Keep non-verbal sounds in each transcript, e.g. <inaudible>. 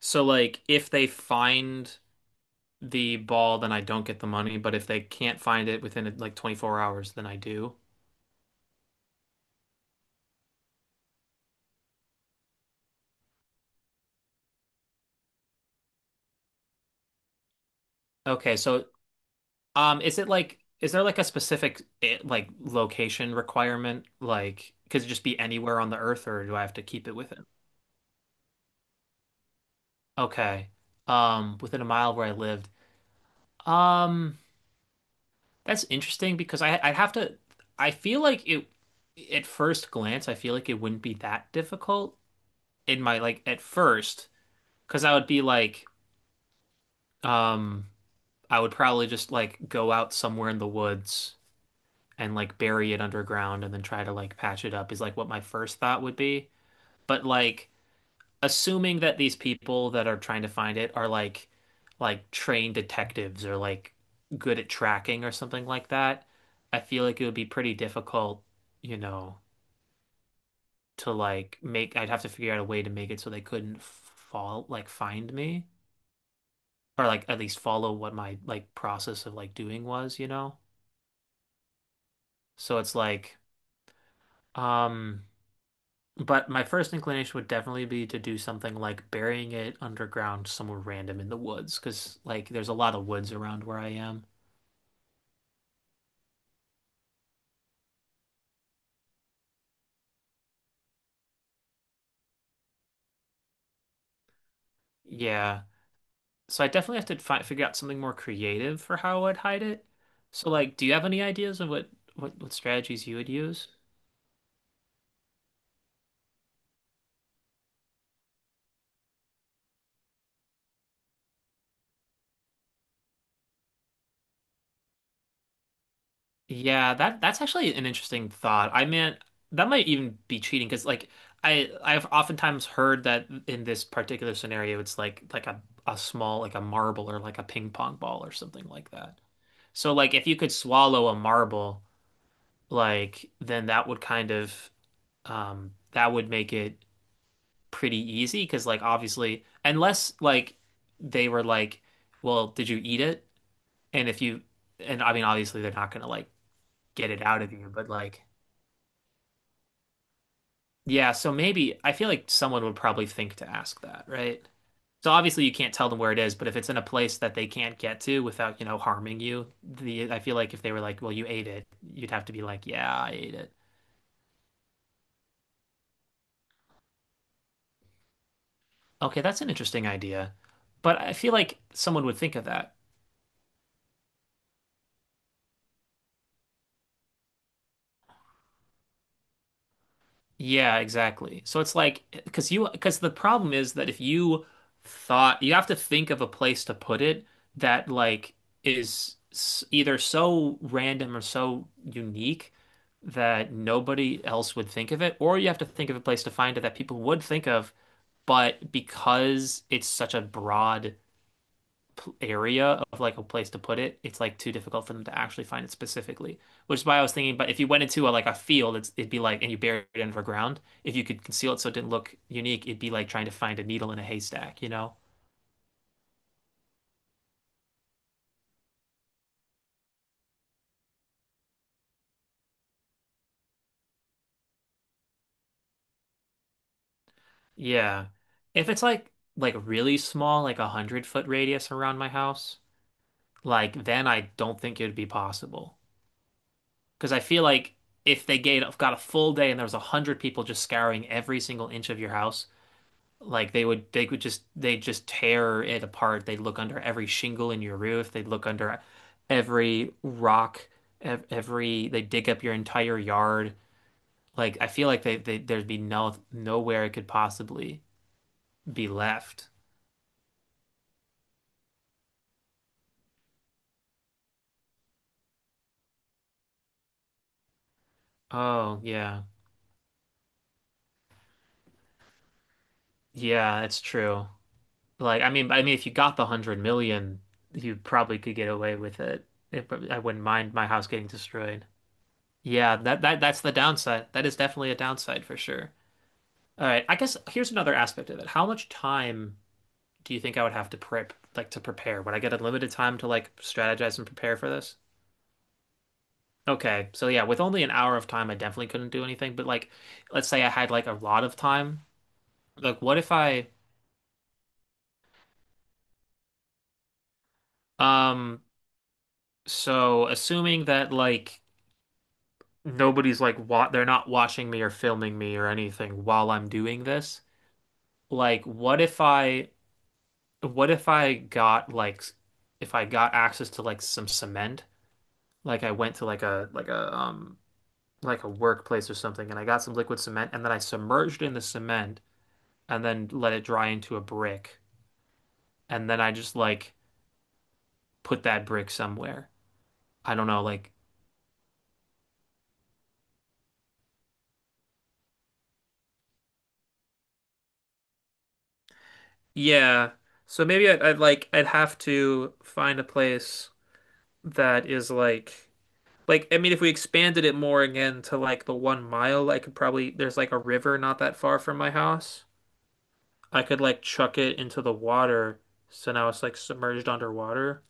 So like if they find the ball, then I don't get the money, but if they can't find it within like 24 hours, then I do. Okay, so is it like is there like a specific like location requirement like could it just be anywhere on the earth or do I have to keep it within? Okay. Within a mile of where I lived. Um that's interesting because I'd have to, I feel like it, at first glance I feel like it wouldn't be that difficult in my like at first because I would be like, Um, I would probably just like go out somewhere in the woods and like bury it underground and then try to like patch it up is like what my first thought would be. But like assuming that these people that are trying to find it are like trained detectives or like good at tracking or something like that, I feel like it would be pretty difficult, you know, to like make, I'd have to figure out a way to make it so they couldn't fall like find me or like at least follow what my like process of like doing was, you know? So it's like, um, but my first inclination would definitely be to do something like burying it underground somewhere random in the woods, because like there's a lot of woods around where I am. Yeah. So I definitely have to fi figure out something more creative for how I'd hide it. So like, do you have any ideas of what what strategies you would use? Yeah, that that's actually an interesting thought. I mean, that might even be cheating because like I've oftentimes heard that in this particular scenario it's like a small like a marble or like a ping pong ball or something like that. So like if you could swallow a marble, like then that would kind of that would make it pretty easy because like obviously unless like they were like, well, did you eat it? And if you, and I mean obviously they're not gonna like get it out of you, but like, yeah, so maybe I feel like someone would probably think to ask that, right? So obviously you can't tell them where it is, but if it's in a place that they can't get to without, you know, harming you, the I feel like if they were like, "Well, you ate it," you'd have to be like, "Yeah, I ate it." Okay, that's an interesting idea. But I feel like someone would think of that. Yeah, exactly. So it's like because you, because the problem is that if you thought, you have to think of a place to put it that like is either so random or so unique that nobody else would think of it, or you have to think of a place to find it that people would think of, but because it's such a broad area of like a place to put it, it's like too difficult for them to actually find it specifically. Which is why I was thinking, but if you went into a, like a field, it's, it'd be like, and you buried it underground. If you could conceal it so it didn't look unique, it'd be like trying to find a needle in a haystack, you know? Yeah. If it's like really small, like a hundred-foot radius around my house, like then I don't think it'd be possible. Because I feel like if they got a full day and there was a hundred people just scouring every single inch of your house. Like they would just, they just tear it apart. They'd look under every shingle in your roof. They'd look under every rock, ev every, they dig up your entire yard. Like I feel like there'd be no, nowhere it could possibly be left. Oh yeah, yeah, that's true. Like I mean, if you got the 100 million, you probably could get away with it. I wouldn't mind my house getting destroyed. Yeah, that that's the downside. That is definitely a downside for sure. All right. I guess here's another aspect of it. How much time do you think I would have to prep, like to prepare? Would I get unlimited time to like strategize and prepare for this? Okay. So yeah, with only an hour of time, I definitely couldn't do anything. But like, let's say I had like a lot of time. Like, what if I, um, so assuming that like nobody's like wa they're not watching me or filming me or anything while I'm doing this, like, what if I got like, if I got access to like some cement? Like I went to like a like a like a workplace or something and I got some liquid cement and then I submerged it in the cement and then let it dry into a brick and then I just like put that brick somewhere. I don't know, like yeah. So maybe I'd like I'd have to find a place that is like I mean if we expanded it more again to like the 1 mile, I could probably, there's like a river not that far from my house. I could like chuck it into the water so now it's like submerged underwater.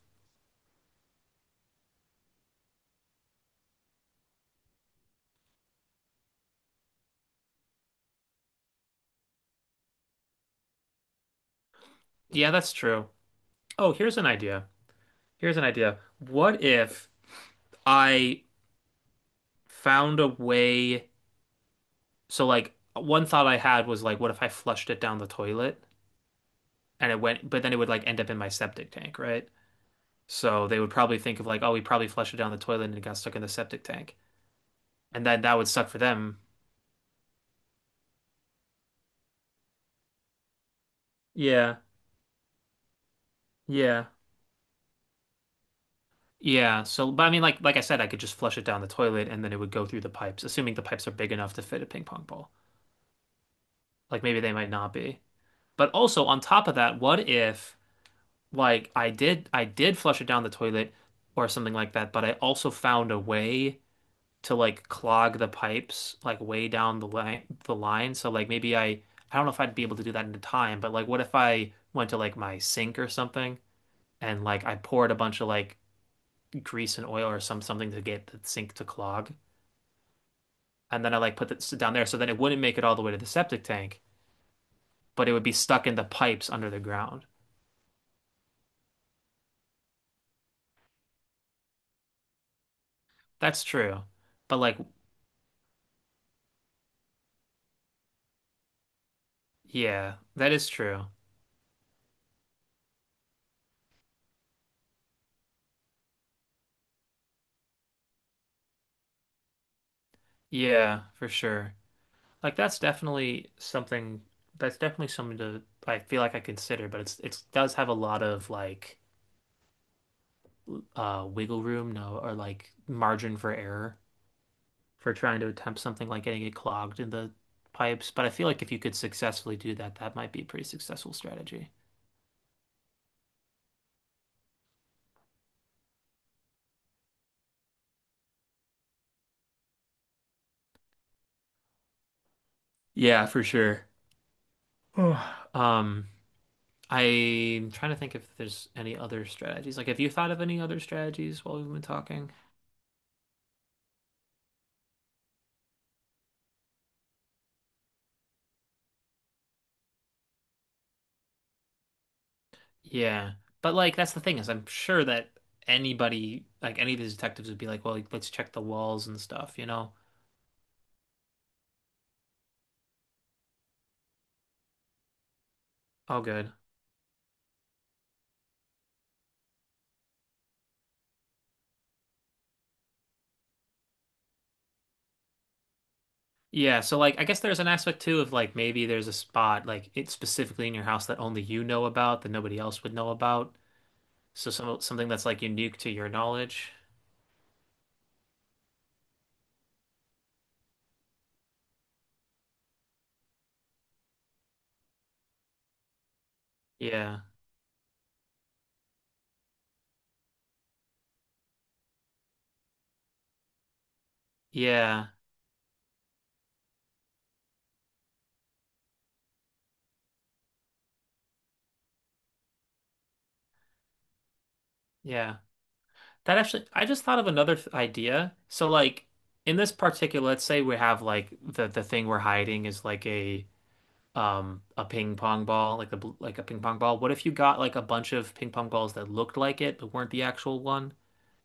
Yeah, that's true. Oh, here's an idea. Here's an idea. What if I found a way? So, like, one thought I had was like, what if I flushed it down the toilet and it went, but then it would like end up in my septic tank, right? So they would probably think of like, oh, we probably flushed it down the toilet and it got stuck in the septic tank, and then that would suck for them. Yeah, yeah, yeah. So, but I mean, like I said, I could just flush it down the toilet and then it would go through the pipes, assuming the pipes are big enough to fit a ping pong ball. Like maybe they might not be. But also on top of that, what if like I did flush it down the toilet or something like that, but I also found a way to like clog the pipes like way down the line. So like maybe I don't know if I'd be able to do that in time, but like what if I went to like my sink or something and like I poured a bunch of like grease and oil or some something to get the sink to clog and then I like put it down there so that it wouldn't make it all the way to the septic tank, but it would be stuck in the pipes under the ground. That's true. But like, yeah, that is true. Yeah, for sure. Like that's definitely something, that's definitely something to I feel like I consider, but it's it does have a lot of like wiggle room, no, or like margin for error for trying to attempt something like getting it clogged in the pipes. But I feel like if you could successfully do that, that might be a pretty successful strategy. Yeah, for sure. <sighs> Um, I'm trying to think if there's any other strategies. Like, have you thought of any other strategies while we've been talking? Yeah. But like that's the thing is I'm sure that anybody like any of these detectives would be like, well, like, let's check the walls and stuff, you know? Oh, good. Yeah, so like I guess there's an aspect too of like maybe there's a spot like it's specifically in your house that only you know about that nobody else would know about. So something that's like unique to your knowledge. Yeah. Yeah. Yeah. That actually I just thought of another th idea. So like in this particular, let's say we have like the thing we're hiding is like a ping pong ball, like the like a ping pong ball. What if you got like a bunch of ping pong balls that looked like it but weren't the actual one?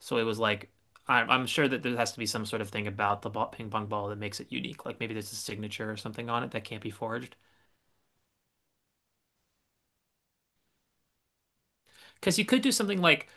So it was like I'm sure that there has to be some sort of thing about the ball, ping pong ball that makes it unique. Like maybe there's a signature or something on it that can't be forged. Because you could do something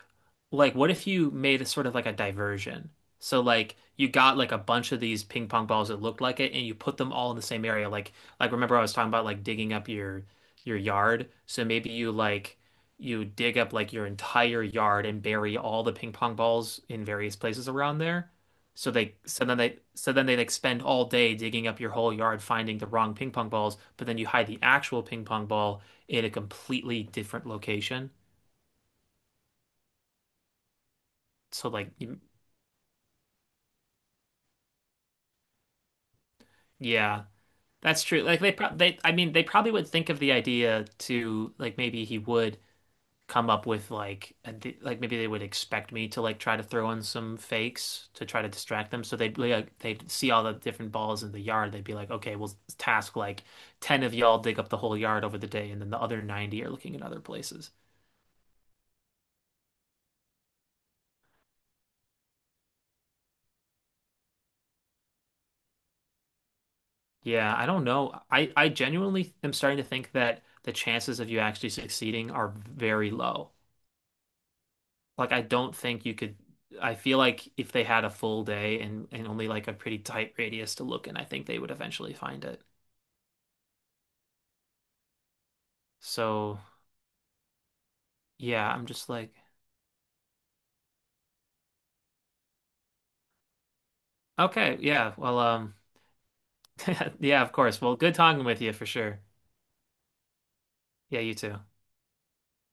like what if you made a sort of like a diversion? So like you got like a bunch of these ping pong balls that looked like it, and you put them all in the same area. Like remember I was talking about like digging up your yard. So maybe you like you dig up like your entire yard and bury all the ping pong balls in various places around there. So they so then they like spend all day digging up your whole yard finding the wrong ping pong balls, but then you hide the actual ping pong ball in a completely different location. So like, you- yeah, that's true. Like they I mean they probably would think of the idea to like maybe he would come up with like a like maybe they would expect me to like try to throw in some fakes to try to distract them. So they'd like they'd see all the different balls in the yard. They'd be like, okay, we'll task like 10 of y'all dig up the whole yard over the day, and then the other 90 are looking in other places. Yeah, I don't know. I genuinely am starting to think that the chances of you actually succeeding are very low. Like I don't think you could, I feel like if they had a full day and only like a pretty tight radius to look in, I think they would eventually find it. So, yeah, I'm just like, okay, yeah. Well, <laughs> yeah, of course. Well, good talking with you for sure. Yeah, you too.